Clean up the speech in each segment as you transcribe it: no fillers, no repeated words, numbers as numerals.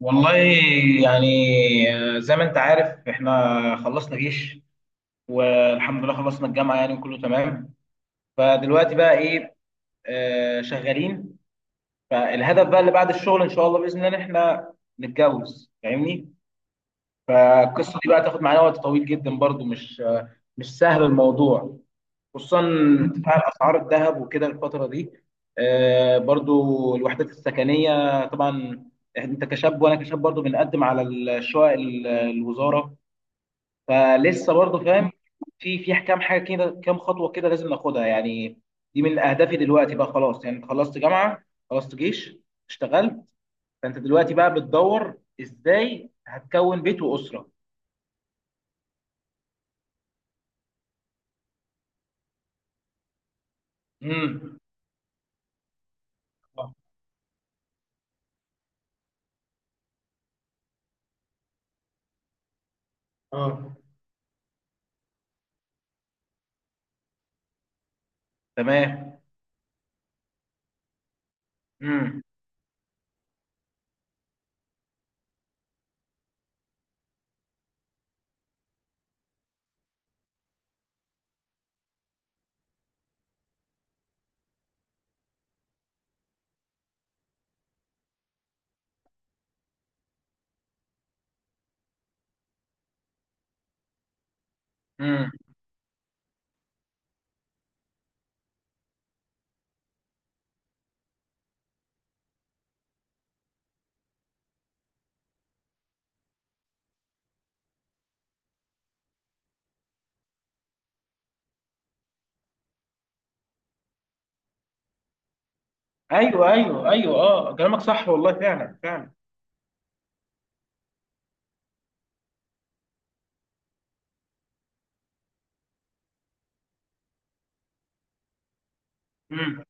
والله يعني زي ما انت عارف احنا خلصنا جيش والحمد لله خلصنا الجامعة يعني وكله تمام. فدلوقتي بقى ايه؟ شغالين. فالهدف بقى اللي بعد الشغل ان شاء الله بإذن الله ان احنا نتجوز، فاهمني. فالقصة دي بقى تاخد معانا وقت طويل جدا برضو، مش سهل الموضوع، خصوصا ارتفاع اسعار الذهب وكده الفتره دي. برضو الوحدات السكنيه طبعا، انت كشاب وانا كشاب برضو بنقدم على الشقق الوزاره، فلسه برضو فاهم. في كام حاجه كده، كام خطوه كده لازم ناخدها يعني. دي من اهدافي دلوقتي بقى، خلاص يعني خلصت جامعه، خلصت جيش، اشتغلت، فانت دلوقتي بقى بتدور ازاي هتكون بيت واسره. امم. اه. تمام. امم. ايوه ايوه ايوه، اه كلامك صح والله، فعلا فعلا. امم.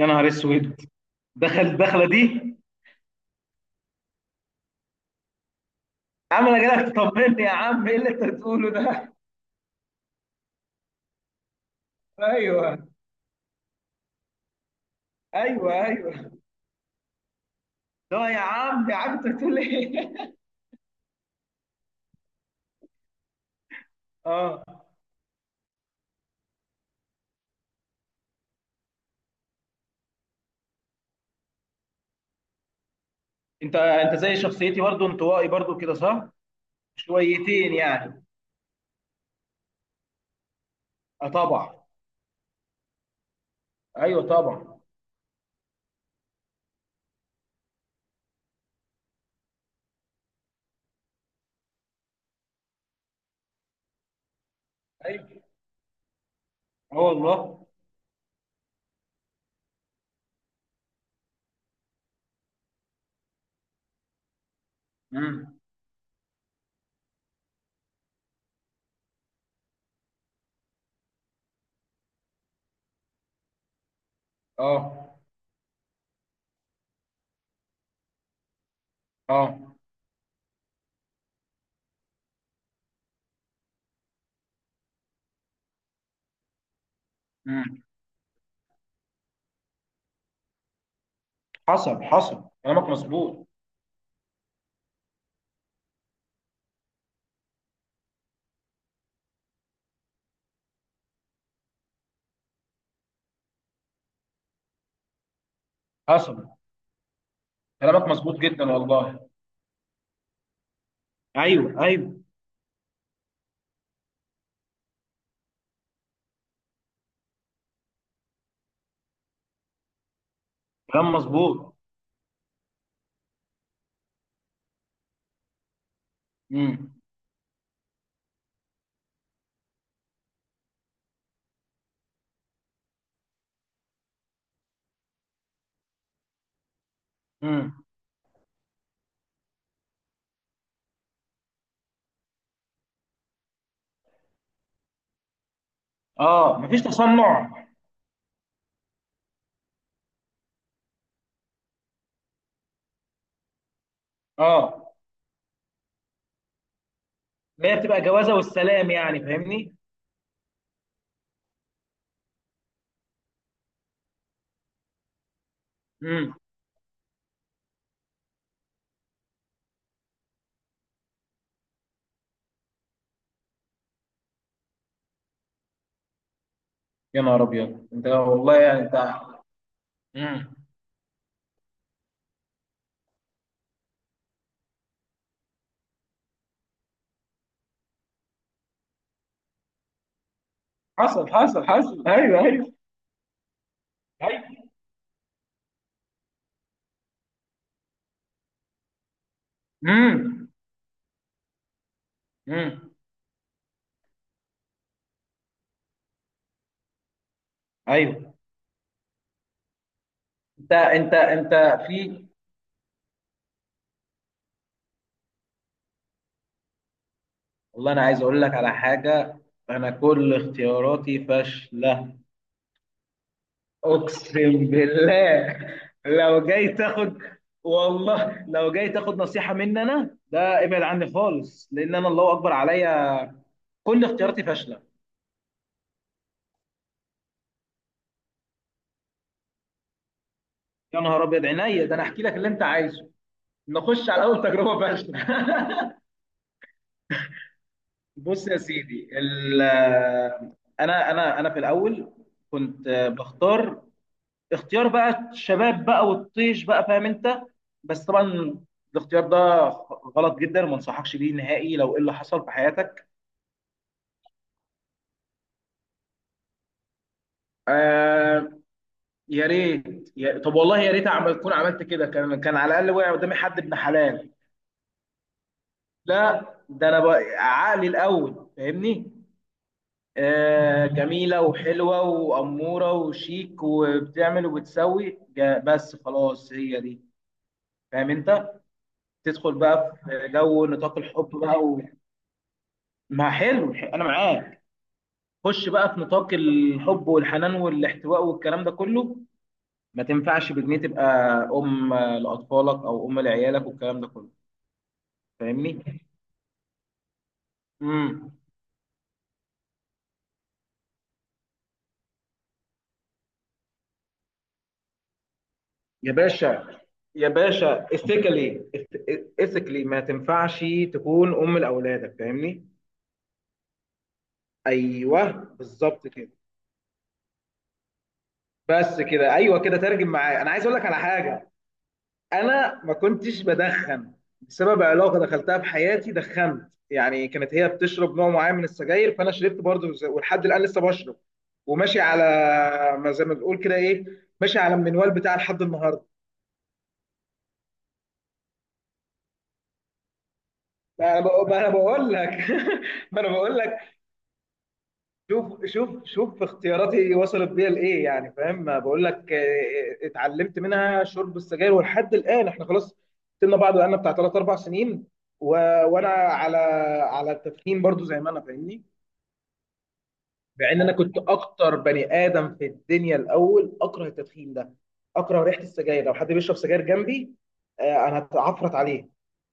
يا نهار اسود! دخل الدخله دي. يا عم انا جاي لك تطمني يا عم، ايه اللي انت بتقوله ده؟ ايوه ايوه ايوه، لا يا عم، يا عم انت بتقول ايه؟ اه. انت انت زي شخصيتي برضو، انطوائي برضو كده صح؟ شويتين يعني. اه طبعا. ايوه طبعا. ايوه اه والله. امم. اه اه. امم. حصل حصل، كلامك مظبوط. حصل، كلامك مظبوط جدا والله. ايوه ايوه. كلام مظبوط. امم. امم. اه، مفيش تصنع. اه، اللي هي بتبقى جوازه والسلام يعني، فاهمني. امم. يا نهار ابيض، انت والله يعني انت. امم. حصل حصل حصل، ايوه ايوه. ايوه. امم. امم. ايوه. انت انت انت في والله، انا عايز اقول لك على حاجه. انا كل اختياراتي فاشله. اقسم بالله. لو جاي تاخد، والله لو جاي تاخد نصيحه مني، انا ده ابعد عني خالص لان انا الله اكبر عليا. كل اختياراتي فاشله. يا نهار ابيض عينيا، ده انا احكي لك اللي انت عايزه. نخش على اول تجربه فاشله. بص يا سيدي انا في الاول كنت بختار، اختيار بقى الشباب بقى والطيش بقى، فاهم انت؟ بس طبعا الاختيار ده غلط جدا وما انصحكش بيه نهائي، لو ايه اللي حصل في حياتك. آه يا ريت، يا طب والله يا ريت اعمل، تكون عملت كده، كان على الاقل وقع قدامي حد ابن حلال. لا، ده انا بقى عقلي الاول، فاهمني. جميله وحلوه واموره وشيك وبتعمل وبتسوي بس خلاص هي دي، فاهم انت؟ تدخل بقى في جو نطاق الحب بقى. ما حلو انا معاك. خش بقى في نطاق الحب والحنان والاحتواء والكلام ده كله. ما تنفعش بجنيه تبقى ام لاطفالك او ام لعيالك والكلام ده كله، فاهمني. امم. يا باشا، يا باشا ethically ما تنفعش تكون ام لاولادك، فاهمني. ايوه بالظبط كده. بس كده ايوه كده، ترجم معايا. انا عايز اقول لك على حاجه. انا ما كنتش بدخن، بسبب علاقه دخلتها بحياتي دخنت يعني. كانت هي بتشرب نوع معين من السجاير، فانا شربت برضه زي- ولحد الان لسه بشرب وماشي على، ما زي ما بنقول كده ايه، ماشي على المنوال بتاع لحد النهارده. ما أنا بقول لك. ما انا بقول، شوف شوف شوف اختياراتي وصلت بيا لايه يعني، فاهم ما بقول لك؟ اتعلمت منها شرب السجاير. ولحد الان احنا خلاص سيبنا بعض بقالنا بتاع ثلاث اربع سنين، و... وانا على، على التدخين برضو زي ما انا، فاهمني. مع ان انا كنت اكتر بني ادم في الدنيا الاول اكره التدخين ده، اكره ريحه السجاير لو حد بيشرب سجاير جنبي، انا هتعفرت عليه.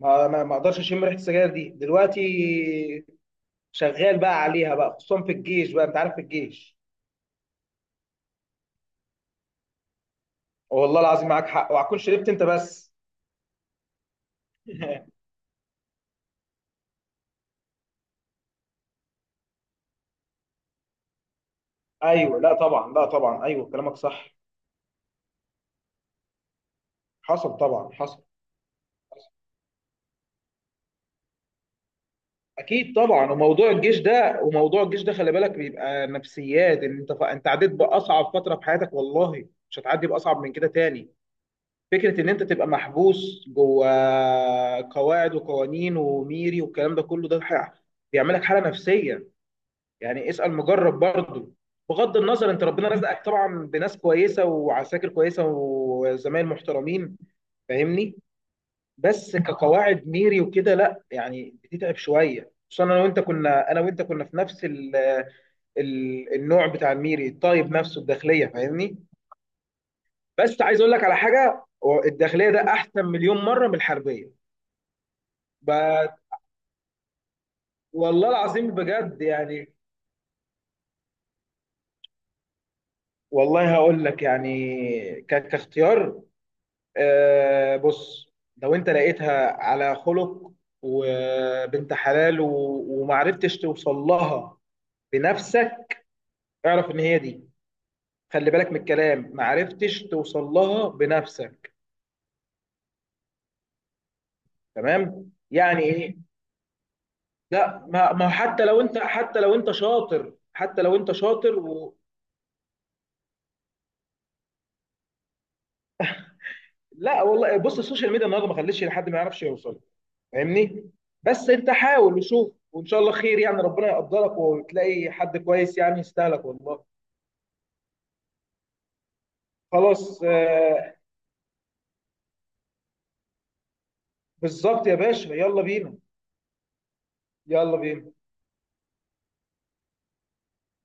ما اقدرش اشم ريحه السجاير دي دلوقتي. شغال بقى عليها بقى، خصوصا في الجيش بقى، انت عارف في الجيش. والله العظيم معاك حق، وهتكون شربت انت بس. ايوه لا طبعا، لا طبعا ايوه كلامك صح. حصل طبعا حصل. اكيد طبعا، وموضوع الجيش ده خلي بالك بيبقى نفسيات، ان انت انت عديت باصعب فتره في حياتك والله، مش هتعدي باصعب من كده تاني. فكره ان انت تبقى محبوس جوه قواعد وقوانين وميري والكلام ده كله ده بيعملك حاله نفسيه. يعني اسأل مجرب برضه. بغض النظر، انت ربنا رزقك طبعا بناس كويسه وعساكر كويسه وزمايل محترمين، فاهمني. بس كقواعد ميري وكده لا يعني بتتعب شويه، خصوصا انا وانت كنا في نفس ال النوع بتاع الميري، الطيب نفسه الداخليه، فاهمني. بس عايز اقول لك على حاجه، هو الداخليه ده احسن مليون مره من الحربيه. ب- والله العظيم بجد يعني. والله هقول لك يعني، كاختيار، بص، لو انت لقيتها على خلق وبنت حلال ومعرفتش توصل لها بنفسك، اعرف ان هي دي. خلي بالك من الكلام، معرفتش توصل لها بنفسك، تمام يعني ايه. لا ما ما حتى لو انت شاطر لا والله بص، السوشيال ميديا النهارده ما خلتش حد ما يعرفش يوصل، فاهمني. بس انت حاول وشوف وان شاء الله خير يعني، ربنا يقدرك وتلاقي حد كويس يعني يستاهلك والله. خلاص بالظبط يا باشا يلا بينا. يلا بينا.